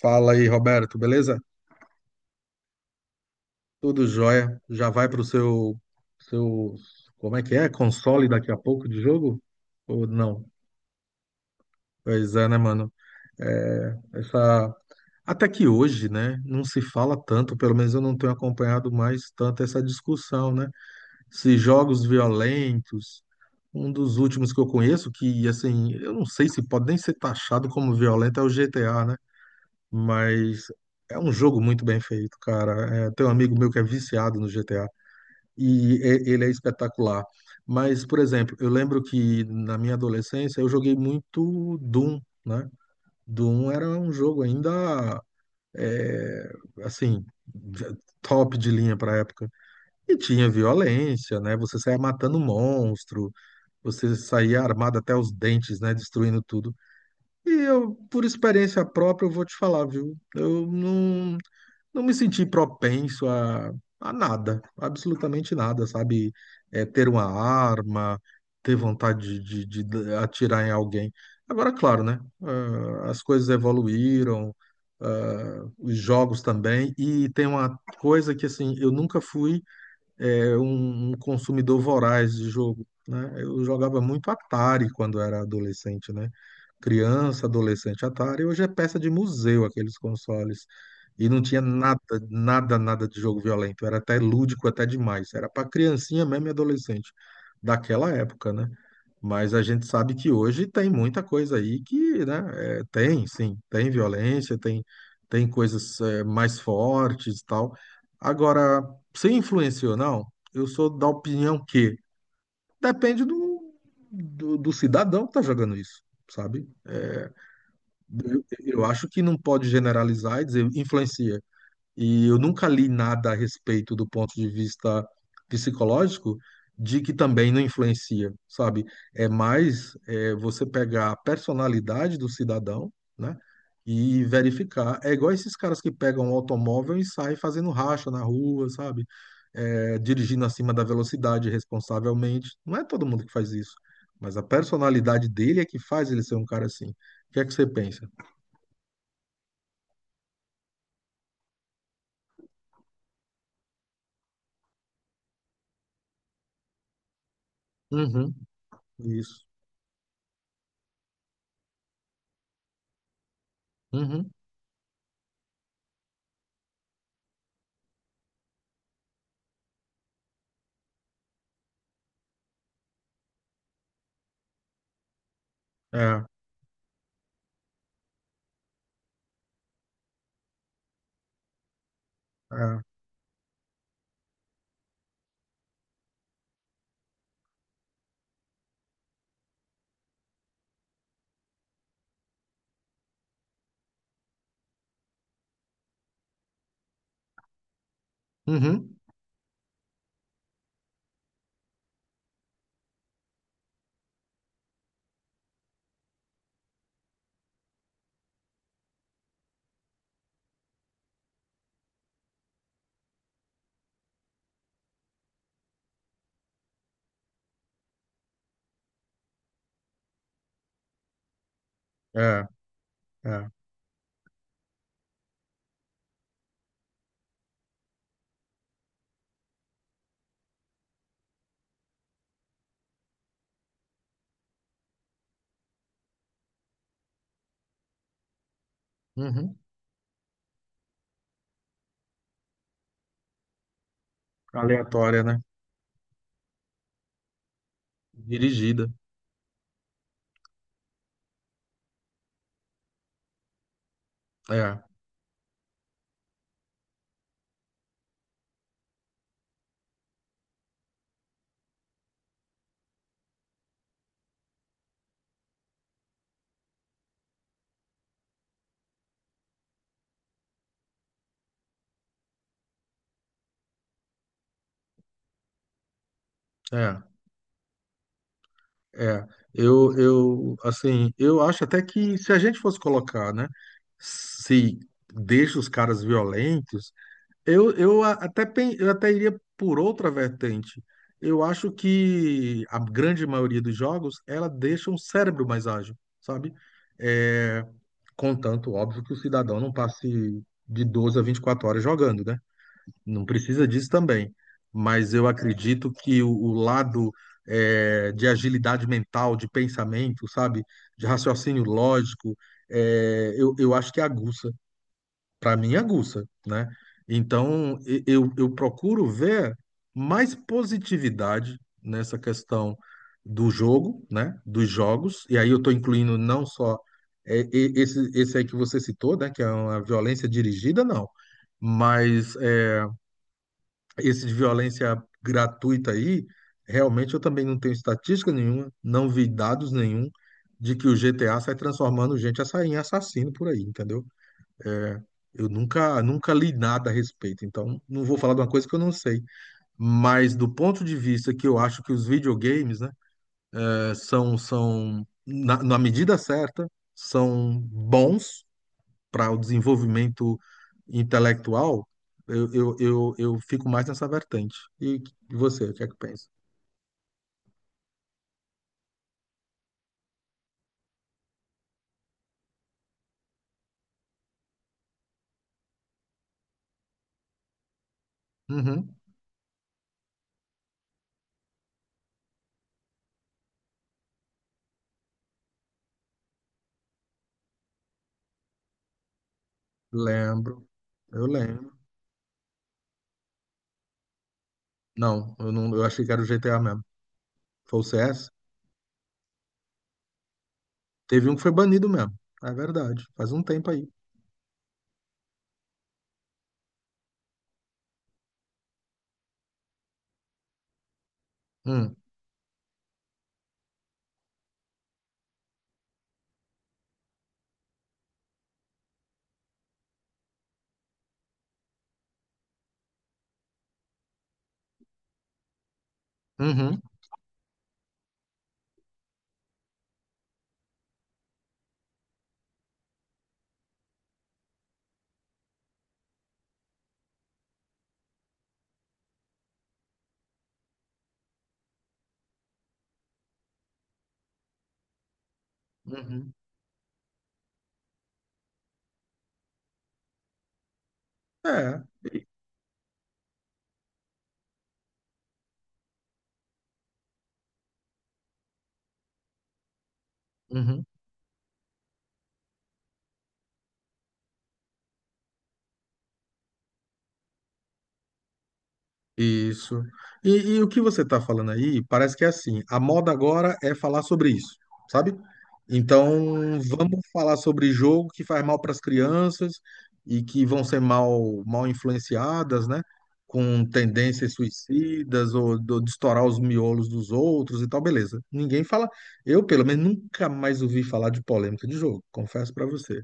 Fala aí, Roberto, beleza? Tudo jóia. Já vai pro seu, como é que é? Console daqui a pouco de jogo? Ou não? Pois é, né, mano? É, essa... Até que hoje, né, não se fala tanto, pelo menos eu não tenho acompanhado mais tanto essa discussão, né? Se jogos violentos, um dos últimos que eu conheço, que, assim, eu não sei se pode nem ser taxado como violento, é o GTA, né? Mas é um jogo muito bem feito, cara. É, tem um amigo meu que é viciado no GTA e ele é espetacular. Mas, por exemplo, eu lembro que na minha adolescência eu joguei muito Doom, né? Doom era um jogo ainda, é, assim, top de linha para época. E tinha violência, né? Você saía matando monstro, você saía armado até os dentes, né? Destruindo tudo. E eu, por experiência própria, eu vou te falar, viu? Eu não, Não me senti propenso a nada, absolutamente nada, sabe? Ter uma arma, ter vontade de, de atirar em alguém. Agora, claro, né? As coisas evoluíram, ah, os jogos também, e tem uma coisa que, assim, eu nunca fui um consumidor voraz de jogo, né? Eu jogava muito Atari quando era adolescente, né? Criança, adolescente, Atari. Hoje é peça de museu aqueles consoles. E não tinha nada, nada, nada de jogo violento. Era até lúdico, até demais. Era para criancinha mesmo e adolescente daquela época, né? Mas a gente sabe que hoje tem muita coisa aí que, né, é, tem, sim, tem violência, tem, tem coisas, mais fortes e tal. Agora, se influenciou ou não, eu sou da opinião que depende do cidadão que está jogando isso, sabe? Eu acho que não pode generalizar e dizer influencia. E eu nunca li nada a respeito do ponto de vista psicológico de que também não influencia, sabe? Você pegar a personalidade do cidadão, né? E verificar. É igual esses caras que pegam um automóvel e saem fazendo racha na rua, sabe? É, dirigindo acima da velocidade responsavelmente. Não é todo mundo que faz isso, mas a personalidade dele é que faz ele ser um cara assim. O que é que você pensa? Uhum, isso. Uhum, é, é. Uhum. É, é. Uhum. Aleatória, né? Dirigida. É, é, é. Assim, eu acho até que se a gente fosse colocar, né, se deixa os caras violentos, eu até iria por outra vertente. Eu acho que a grande maioria dos jogos, ela deixa um cérebro mais ágil, sabe? É, contanto, óbvio, que o cidadão não passe de 12 a 24 horas jogando, né? Não precisa disso também, mas eu acredito que o lado, de agilidade mental, de pensamento, sabe, de raciocínio lógico, eu acho que é aguça, para mim é aguça, né? Então eu procuro ver mais positividade nessa questão do jogo, né? Dos jogos, e aí eu estou incluindo não só esse aí que você citou, né? Que é uma violência dirigida, não. Mas esse de violência gratuita aí, realmente eu também não tenho estatística nenhuma, não vi dados nenhum de que o GTA sai transformando gente em assassino por aí, entendeu? Eu nunca, nunca li nada a respeito, então não vou falar de uma coisa que eu não sei. Mas do ponto de vista que eu acho que os videogames, né, são na, na medida certa, são bons para o desenvolvimento intelectual, eu fico mais nessa vertente. E você, o que é que pensa? Uhum. Lembro, eu lembro. Não, eu não, Eu achei que era o GTA mesmo. Foi o CS. Teve um que foi banido mesmo. É verdade. Faz um tempo aí. Hum. Uhum. Uhum. É. Uhum. Isso. E o que você está falando aí, parece que é assim, a moda agora é falar sobre isso, sabe? Então, vamos falar sobre jogo que faz mal para as crianças e que vão ser mal, mal influenciadas, né? Com tendências suicidas ou do, de estourar os miolos dos outros e tal, beleza. Ninguém fala. Eu, pelo menos, nunca mais ouvi falar de polêmica de jogo, confesso para você.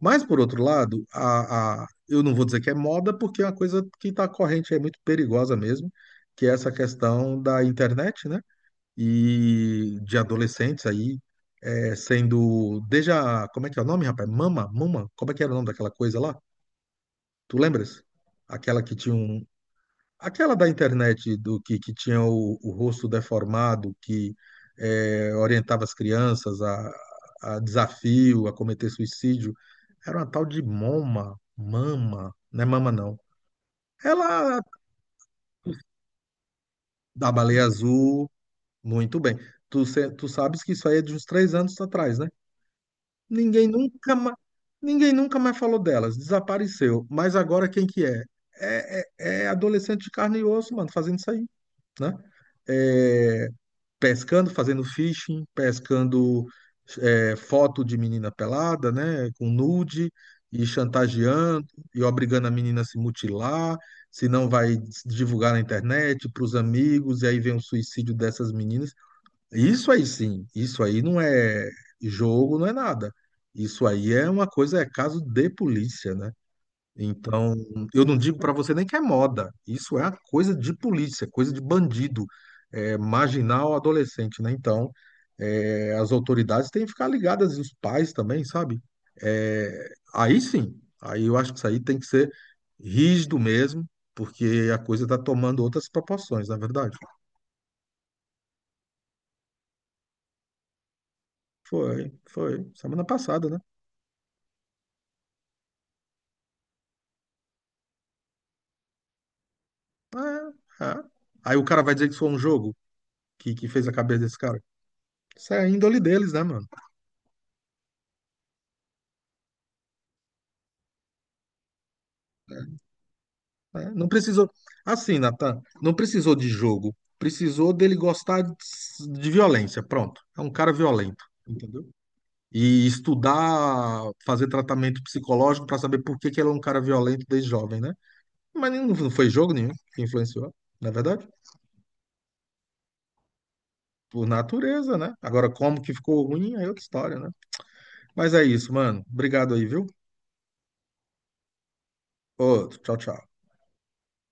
Mas, por outro lado, eu não vou dizer que é moda, porque é uma coisa que está corrente, é muito perigosa mesmo, que é essa questão da internet, né? E de adolescentes aí sendo. Desde a. Como é que é o nome, rapaz? Mama? Mama? Como é que era o nome daquela coisa lá? Tu lembras? Aquela que tinha um, aquela da internet do que tinha o rosto deformado, que orientava as crianças a desafio, a cometer suicídio, era uma tal de Moma, Mama, não é Mama não. Ela da Baleia Azul, muito bem. Tu, tu sabes que isso aí é de uns 3 anos atrás, né? Ninguém nunca mais, ninguém nunca mais falou delas, desapareceu. Mas agora quem que é? É, é- É adolescente de carne e osso, mano, fazendo isso aí, né? É, pescando, fazendo fishing, pescando foto de menina pelada, né, com nude, e chantageando, e obrigando a menina a se mutilar, se não vai divulgar na internet, para os amigos, e aí vem o suicídio dessas meninas. Isso aí sim, isso aí não é jogo, não é nada. Isso aí é uma coisa, é caso de polícia, né? Então, eu não digo para você nem que é moda. Isso é coisa de polícia, coisa de bandido, é, marginal adolescente, né? Então, é, as autoridades têm que ficar ligadas, e os pais também, sabe? É, aí sim, aí eu acho que isso aí tem que ser rígido mesmo, porque a coisa está tomando outras proporções, na verdade. Foi, foi, semana passada, né? É, é. Aí o cara vai dizer que isso foi um jogo que fez a cabeça desse cara. Isso é a índole deles, né, mano? Né? Não precisou. Assim, Natan, não precisou de jogo. Precisou dele gostar de violência. Pronto. É um cara violento, entendeu? E estudar, fazer tratamento psicológico para saber por que que ele é um cara violento desde jovem, né? Mas não foi jogo nenhum que influenciou, na verdade. Por natureza, né? Agora, como que ficou ruim, aí é outra história, né? Mas é isso, mano. Obrigado aí, viu? Outro. Tchau, tchau.